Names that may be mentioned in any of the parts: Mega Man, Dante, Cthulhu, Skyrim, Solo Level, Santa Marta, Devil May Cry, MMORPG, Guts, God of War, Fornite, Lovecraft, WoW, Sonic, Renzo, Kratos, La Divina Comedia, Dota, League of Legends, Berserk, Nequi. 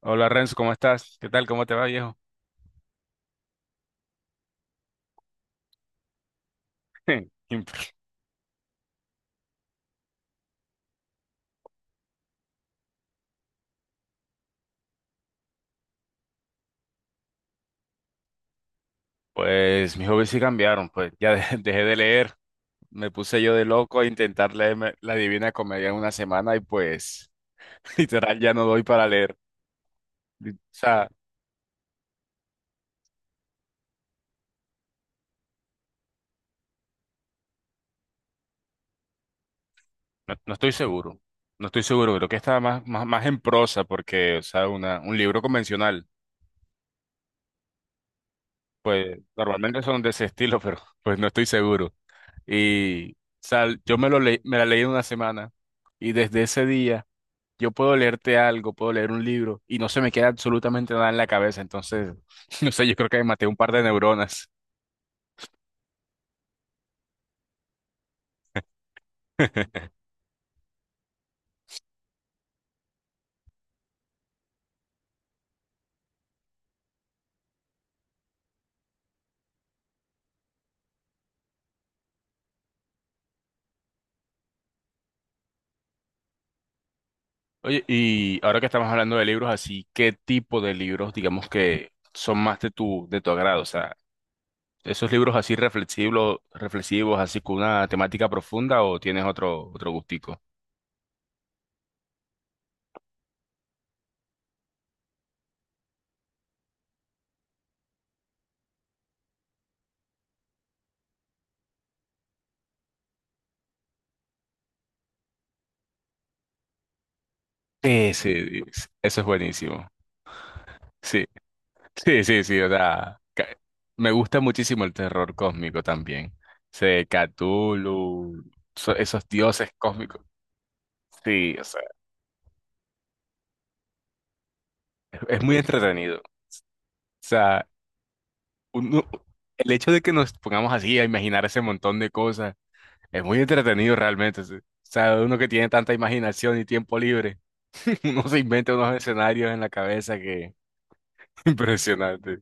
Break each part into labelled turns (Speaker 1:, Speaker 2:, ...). Speaker 1: Hola Renzo, ¿cómo estás? ¿Qué tal? ¿Cómo te va, viejo? Pues mis hobbies sí cambiaron, pues dejé de leer, me puse yo de loco a intentar leerme La Divina Comedia en una semana y pues literal ya no doy para leer. O sea, no estoy seguro, no estoy seguro, creo que está más en prosa porque, o sea, un libro convencional, pues normalmente son de ese estilo, pero pues no estoy seguro. O sea, yo me lo leí, me la leí en una semana y desde ese día... Yo puedo leerte algo, puedo leer un libro y no se me queda absolutamente nada en la cabeza. Entonces, no sé, yo creo que me maté un par de neuronas. Oye, y ahora que estamos hablando de libros así, ¿qué tipo de libros, digamos que son más de tu agrado? O sea, ¿esos libros así reflexivos, así con una temática profunda o tienes otro gustico? Eso es buenísimo. Sí. Sí, o sea, me gusta muchísimo el terror cósmico también. Sé, Cthulhu, esos dioses cósmicos. Sí, o sea, es muy entretenido. O sea, uno- el hecho de que nos pongamos así a imaginar ese montón de cosas es muy entretenido realmente. Sí. O sea, uno que tiene tanta imaginación y tiempo libre, uno se inventa unos escenarios en la cabeza que impresionante.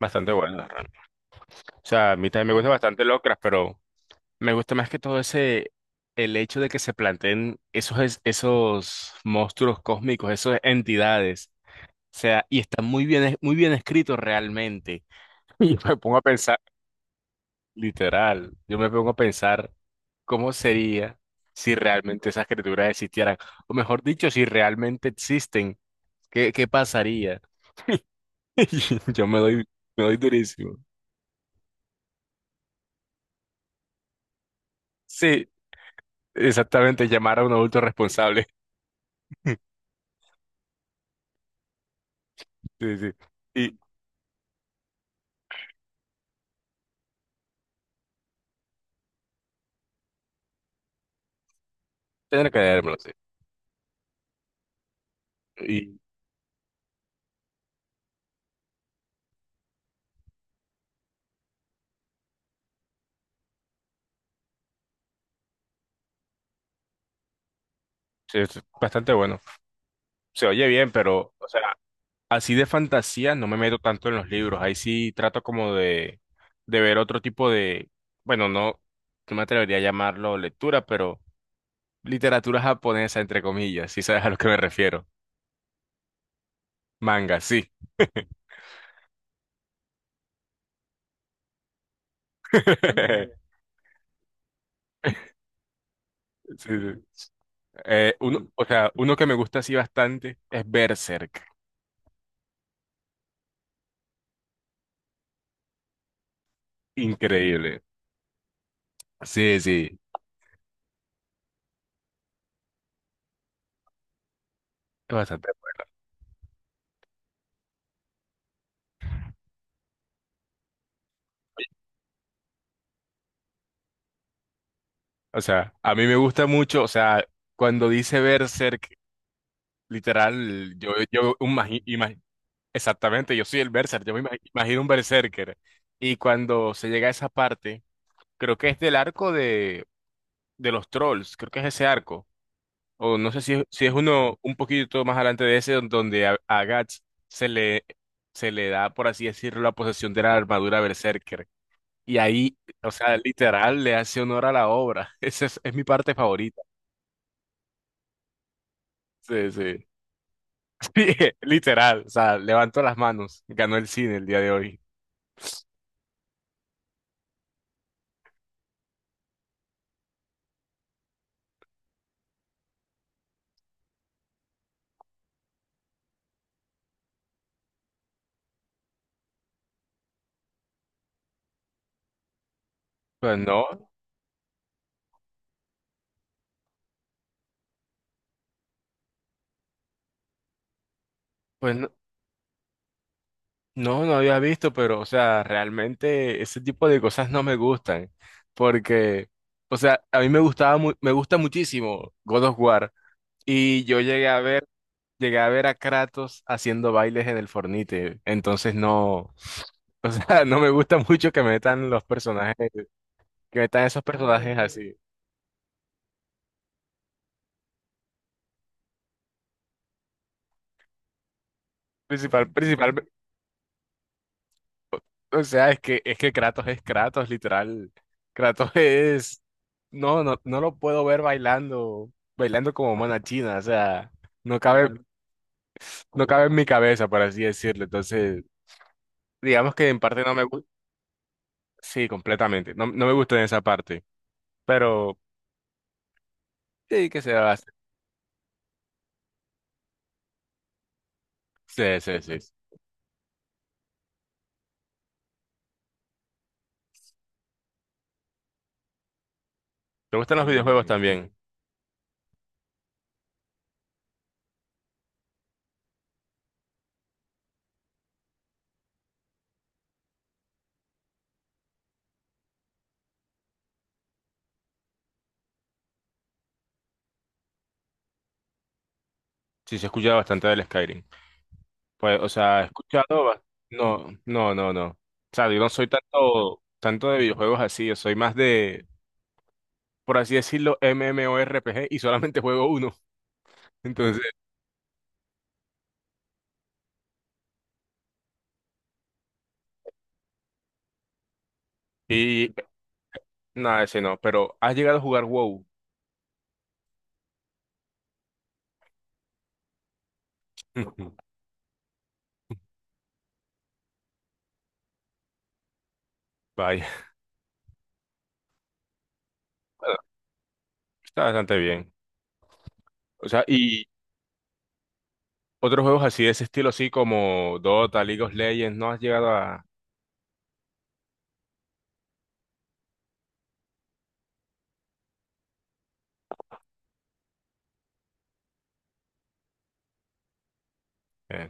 Speaker 1: Bastante bueno. O sea, a mí también me gusta bastante Lovecraft, pero me gusta más que todo ese, el hecho de que se planteen esos monstruos cósmicos, esas entidades. O sea, y está muy bien, muy bien escrito realmente. Y me pongo a pensar, literal, yo me pongo a pensar cómo sería si realmente esas criaturas existieran. O mejor dicho, si realmente existen, ¿qué pasaría? Y yo me doy durísimo. Sí, exactamente, llamar a un adulto responsable. Sí, sí. Y tener que dármelo, sí. Sí, es bastante bueno. Se oye bien, pero, o sea, así de fantasía no me meto tanto en los libros. Ahí sí trato como de ver otro tipo de, bueno, no, no me atrevería a llamarlo lectura, pero literatura japonesa, entre comillas, si sabes a lo que me refiero. Manga, sí. Sí, sí. Uno, o sea, uno que me gusta así bastante es Berserk. Increíble. Sí, sí, es bastante. O sea, a mí me gusta mucho, o sea, cuando dice Berserk literal, exactamente, yo soy el berserker, imagino un berserker. Y cuando se llega a esa parte, creo que es del arco de los trolls, creo que es ese arco. O no sé si, si es uno un poquito más adelante de ese, donde a Guts se le, se le da, por así decirlo, la posesión de la armadura berserker. Y ahí, o sea, literal, le hace honor a la obra. Esa es mi parte favorita. Sí, sí. Sí, literal, o sea, levanto las manos, ganó el cine el día de hoy. Pues no, pues no, no, no había visto, pero, o sea, realmente ese tipo de cosas no me gustan, porque, o sea, a mí me gustaba, me gusta muchísimo God of War, y yo llegué a ver a Kratos haciendo bailes en el Fornite, entonces no, o sea, no me gusta mucho que metan los personajes, que metan esos personajes así, principal, o sea, es que Kratos es Kratos, literal. Kratos es... No, lo puedo ver bailando, bailando como mona china, o sea, no cabe, no cabe en mi cabeza, por así decirlo. Entonces, digamos que en parte no me gusta. Sí, completamente. No, no me gusta en esa parte, pero sí que se va a hacer. Sí, sí, sí. ¿Te gustan los videojuegos también? Sí, se escucha bastante del Skyrim. Pues, o sea, he escuchado... ba- No. O sea, yo no soy tanto de videojuegos así, yo soy más de por así decirlo, MMORPG y solamente juego uno. Entonces, y nada, ese no, pero has llegado a jugar WoW. Vaya, bueno, está bastante bien. O sea, y otros juegos así de ese estilo, así como Dota, League of Legends, no has llegado a... eh,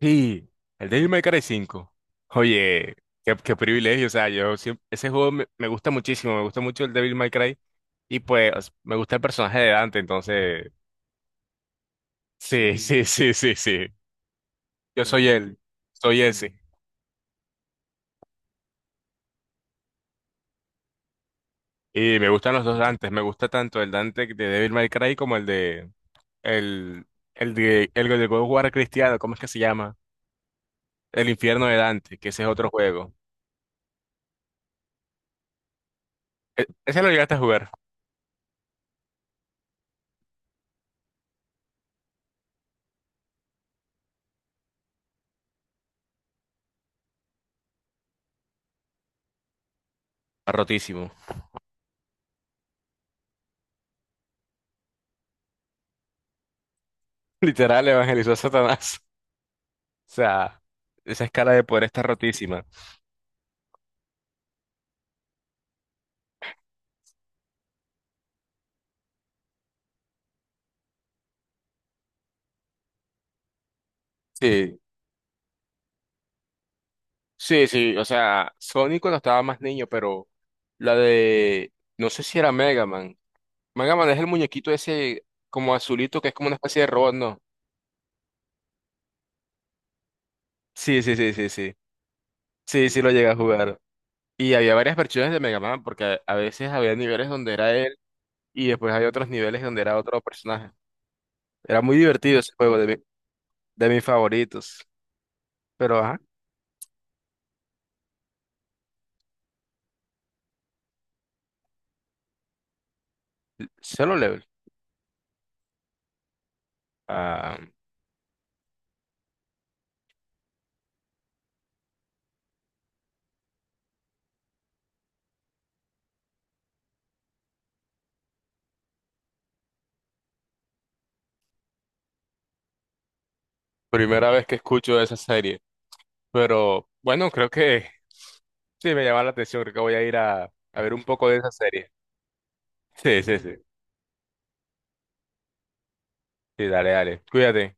Speaker 1: sí, el Devil May Cry 5. Oye, qué privilegio, o sea, yo siempre... Ese juego me gusta muchísimo, me gusta mucho el Devil May Cry y pues me gusta el personaje de Dante, entonces... Sí, sí, sí, sí, sí. Yo soy él, soy ese. Y me gustan los dos Dantes. Me gusta tanto el Dante de Devil May Cry como el el de God of War cristiano. ¿Cómo es que se llama? El infierno de Dante, que ese es otro juego. Ese lo llegaste a jugar. Está rotísimo. Literal evangelizó a Satanás. O sea, esa escala de poder está rotísima. Sí, sí, sí. O sea, Sonic cuando estaba más niño, pero la de no sé si era Mega Man. Mega Man es el muñequito ese como azulito que es como una especie de robot, ¿no? Sí, sí, sí, sí, sí. Sí, sí lo llegué a jugar. Y había varias versiones de Mega Man, porque a veces había niveles donde era él y después había otros niveles donde era otro personaje. Era muy divertido ese juego, de mis favoritos. Pero, ajá, Solo Level. Ah, primera vez que escucho de esa serie. Pero, bueno, creo que sí me llama la atención. Creo que voy a ir a ver un poco de esa serie. Sí, sí, sí. Sí, dale, dale. Cuídate.